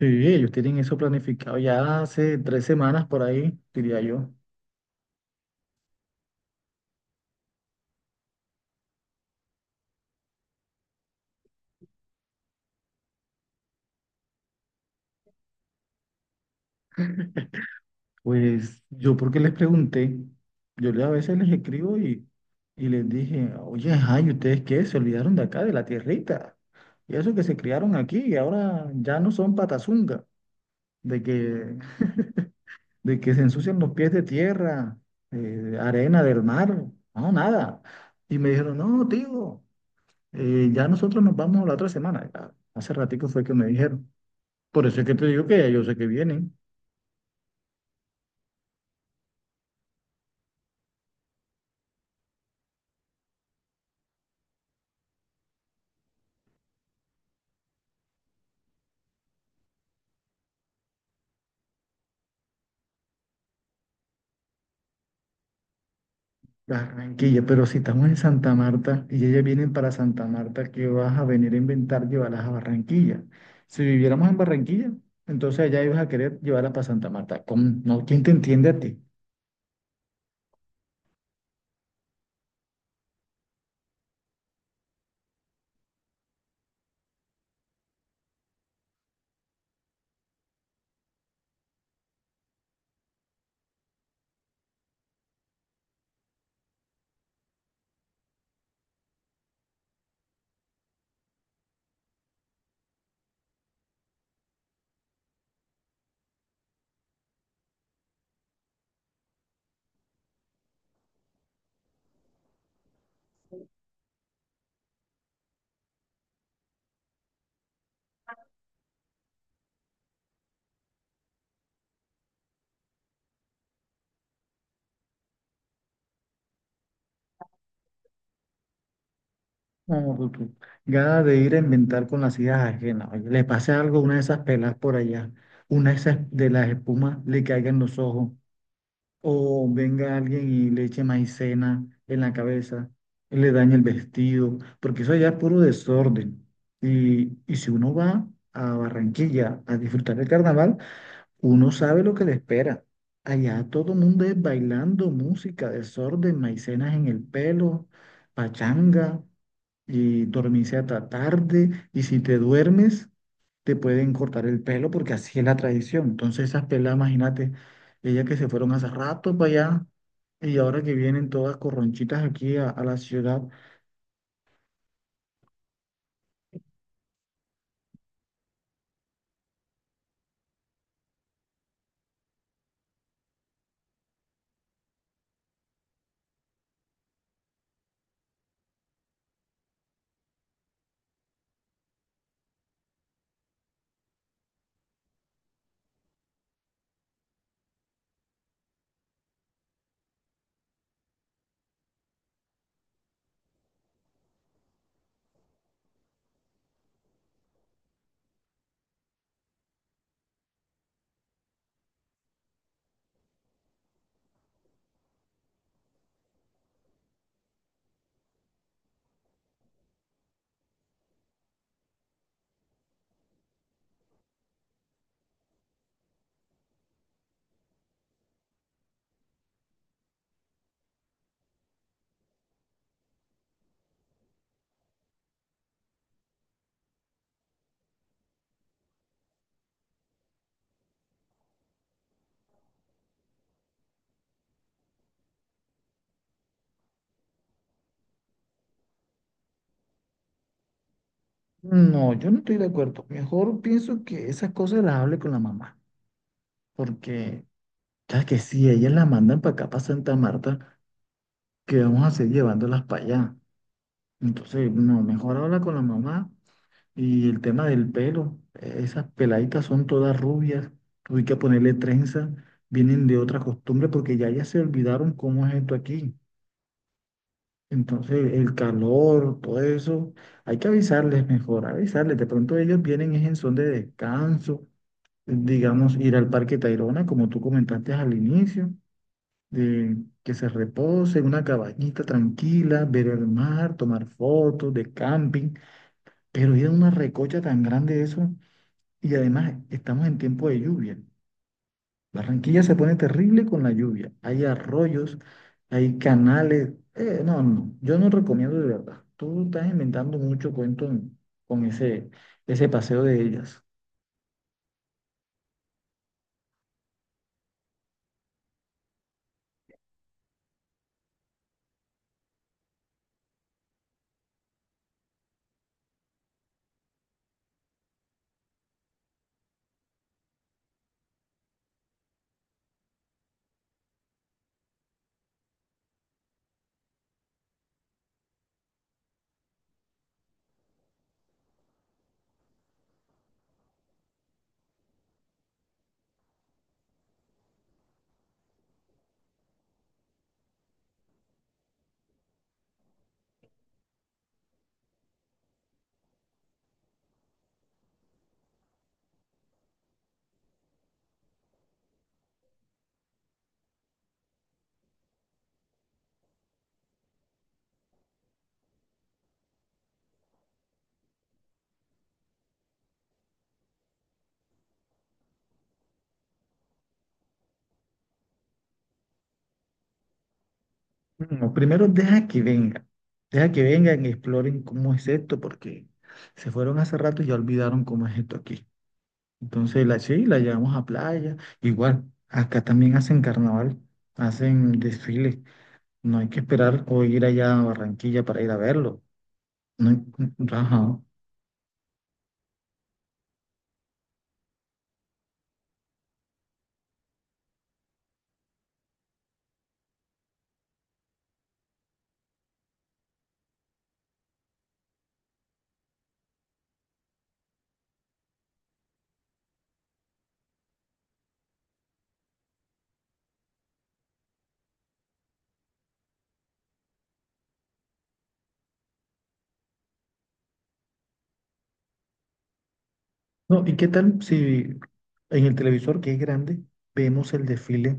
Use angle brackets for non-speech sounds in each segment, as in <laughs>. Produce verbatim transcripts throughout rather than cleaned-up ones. Sí, ellos tienen eso planificado ya hace tres semanas por ahí, diría yo. <laughs> Pues yo porque les pregunté, yo le- a veces les escribo y, y les dije, oye, ajá, ¿y ustedes qué? Se olvidaron de acá, de la tierrita. Y eso que se criaron aquí y ahora ya no son patazunga, de que, de que se ensucian los pies de tierra, eh, de arena del mar, no, nada. Y me dijeron, no, tío, eh, ya nosotros nos vamos la otra semana. Ya, hace ratico fue que me dijeron. Por eso es que te digo que ya yo sé que vienen. Barranquilla, pero si estamos en Santa Marta y ellas vienen para Santa Marta, ¿qué vas a venir a inventar llevarlas a Barranquilla? Si viviéramos en Barranquilla, entonces allá ibas a querer llevarlas para Santa Marta. ¿Cómo? No, ¿quién te entiende a ti? No, tú, tú. Gana de ir a inventar con las ideas ajenas. Oye, le pase algo a una de esas pelas por allá, una de esas de las espumas le caiga en los ojos, o venga alguien y le eche maicena en la cabeza, y le dañe el vestido, porque eso allá es puro desorden. Y, y si uno va a Barranquilla a disfrutar del carnaval, uno sabe lo que le espera. Allá todo el mundo es bailando música, desorden, maicenas en el pelo, pachanga, y dormirse hasta tarde. Y si te duermes, te pueden cortar el pelo porque así es la tradición. Entonces esas pelas, imagínate, ellas que se fueron hace rato para allá y ahora que vienen todas corronchitas aquí a, a la ciudad, no, yo no estoy de acuerdo. Mejor pienso que esas cosas las hable con la mamá, porque ya que si ellas las mandan para acá, para Santa Marta, ¿qué vamos a hacer llevándolas para allá? Entonces, no, mejor habla con la mamá y el tema del pelo. eh, Esas peladitas son todas rubias, hay que ponerle trenza, vienen de otra costumbre porque ya ya se olvidaron cómo es esto aquí. Entonces, el calor, todo eso, hay que avisarles mejor, avisarles. De pronto ellos vienen es en son de descanso, digamos, ir al Parque Tayrona, como tú comentaste al inicio, de que se reposen, una cabañita tranquila, ver el mar, tomar fotos de camping, pero ir a una recocha tan grande eso, y además estamos en tiempo de lluvia. Barranquilla se pone terrible con la lluvia. Hay arroyos, hay canales. Eh, no, no, yo no recomiendo de verdad. Tú estás inventando mucho cuento en- Con ese, ese paseo de ellas. No, primero deja que vengan. Deja que vengan y exploren cómo es esto, porque se fueron hace rato y ya olvidaron cómo es esto aquí. Entonces, la, sí, la llevamos a playa. Igual, acá también hacen carnaval, hacen desfiles. No hay que esperar o ir allá a Barranquilla para ir a verlo. No, en- ajá. No, ¿y qué tal si en el televisor, que es grande, vemos el desfile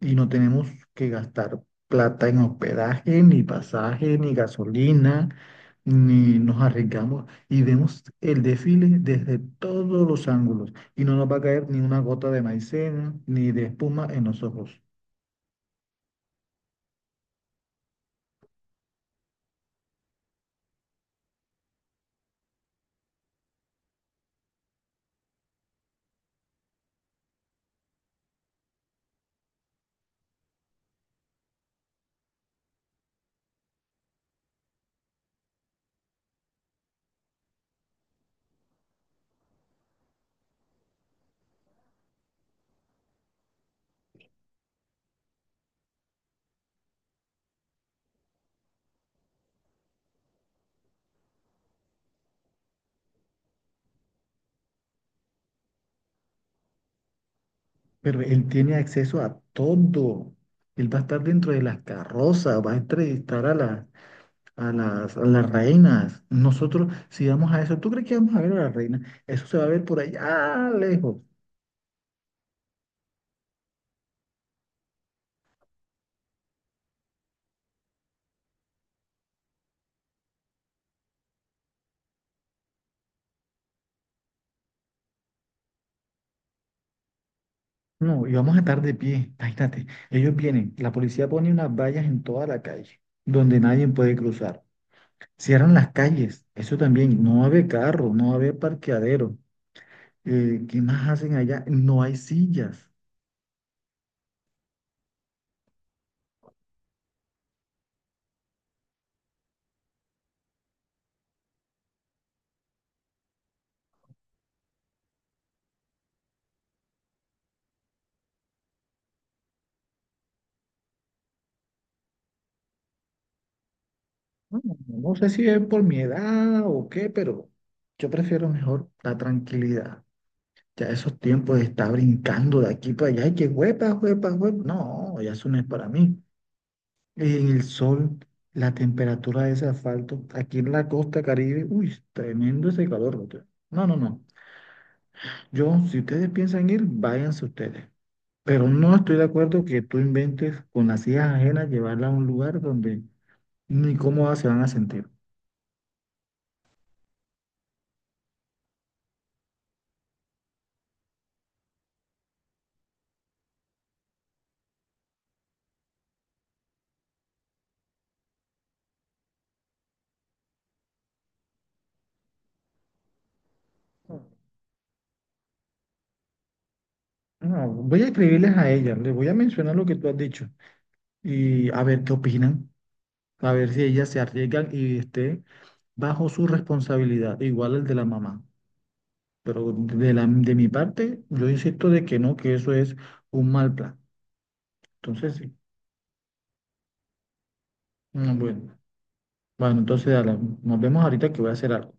y no tenemos que gastar plata en hospedaje, ni pasaje, ni gasolina, ni nos arriesgamos y vemos el desfile desde todos los ángulos y no nos va a caer ni una gota de maicena, ni de espuma en los ojos? Pero él tiene acceso a todo. Él va a estar dentro de las carrozas, va a entrevistar a la a las, a las reinas. Nosotros, si vamos a eso, ¿tú crees que vamos a ver a las reinas? Eso se va a ver por allá lejos. No, y vamos a estar de pie. Imagínate, ellos vienen, la policía pone unas vallas en toda la calle, donde nadie puede cruzar. Cierran las calles, eso también, no va a haber carro, no va a haber parqueadero. Eh, ¿qué más hacen allá? No hay sillas. No, no sé si es por mi edad o qué, pero yo prefiero mejor la tranquilidad. Ya esos tiempos de estar brincando de aquí para allá y que huepa, huepa, huepa. No, ya eso no es para mí. En el sol, la temperatura de ese asfalto, aquí en la costa Caribe, uy, tremendo ese calor, brother. No, no, no. Yo, si ustedes piensan ir, váyanse ustedes. Pero no estoy de acuerdo que tú inventes con las hijas ajenas llevarla a un lugar donde ni cómodas se van a sentir. No, voy a escribirles a ellas, les voy a mencionar lo que tú has dicho y a ver qué opinan, a ver si ellas se arriesgan y esté bajo su responsabilidad, igual el de la mamá. Pero de la, de mi parte, yo insisto de que no, que eso es un mal plan. Entonces, sí. Mm, Bueno, bueno, entonces dale, nos vemos ahorita que voy a hacer algo.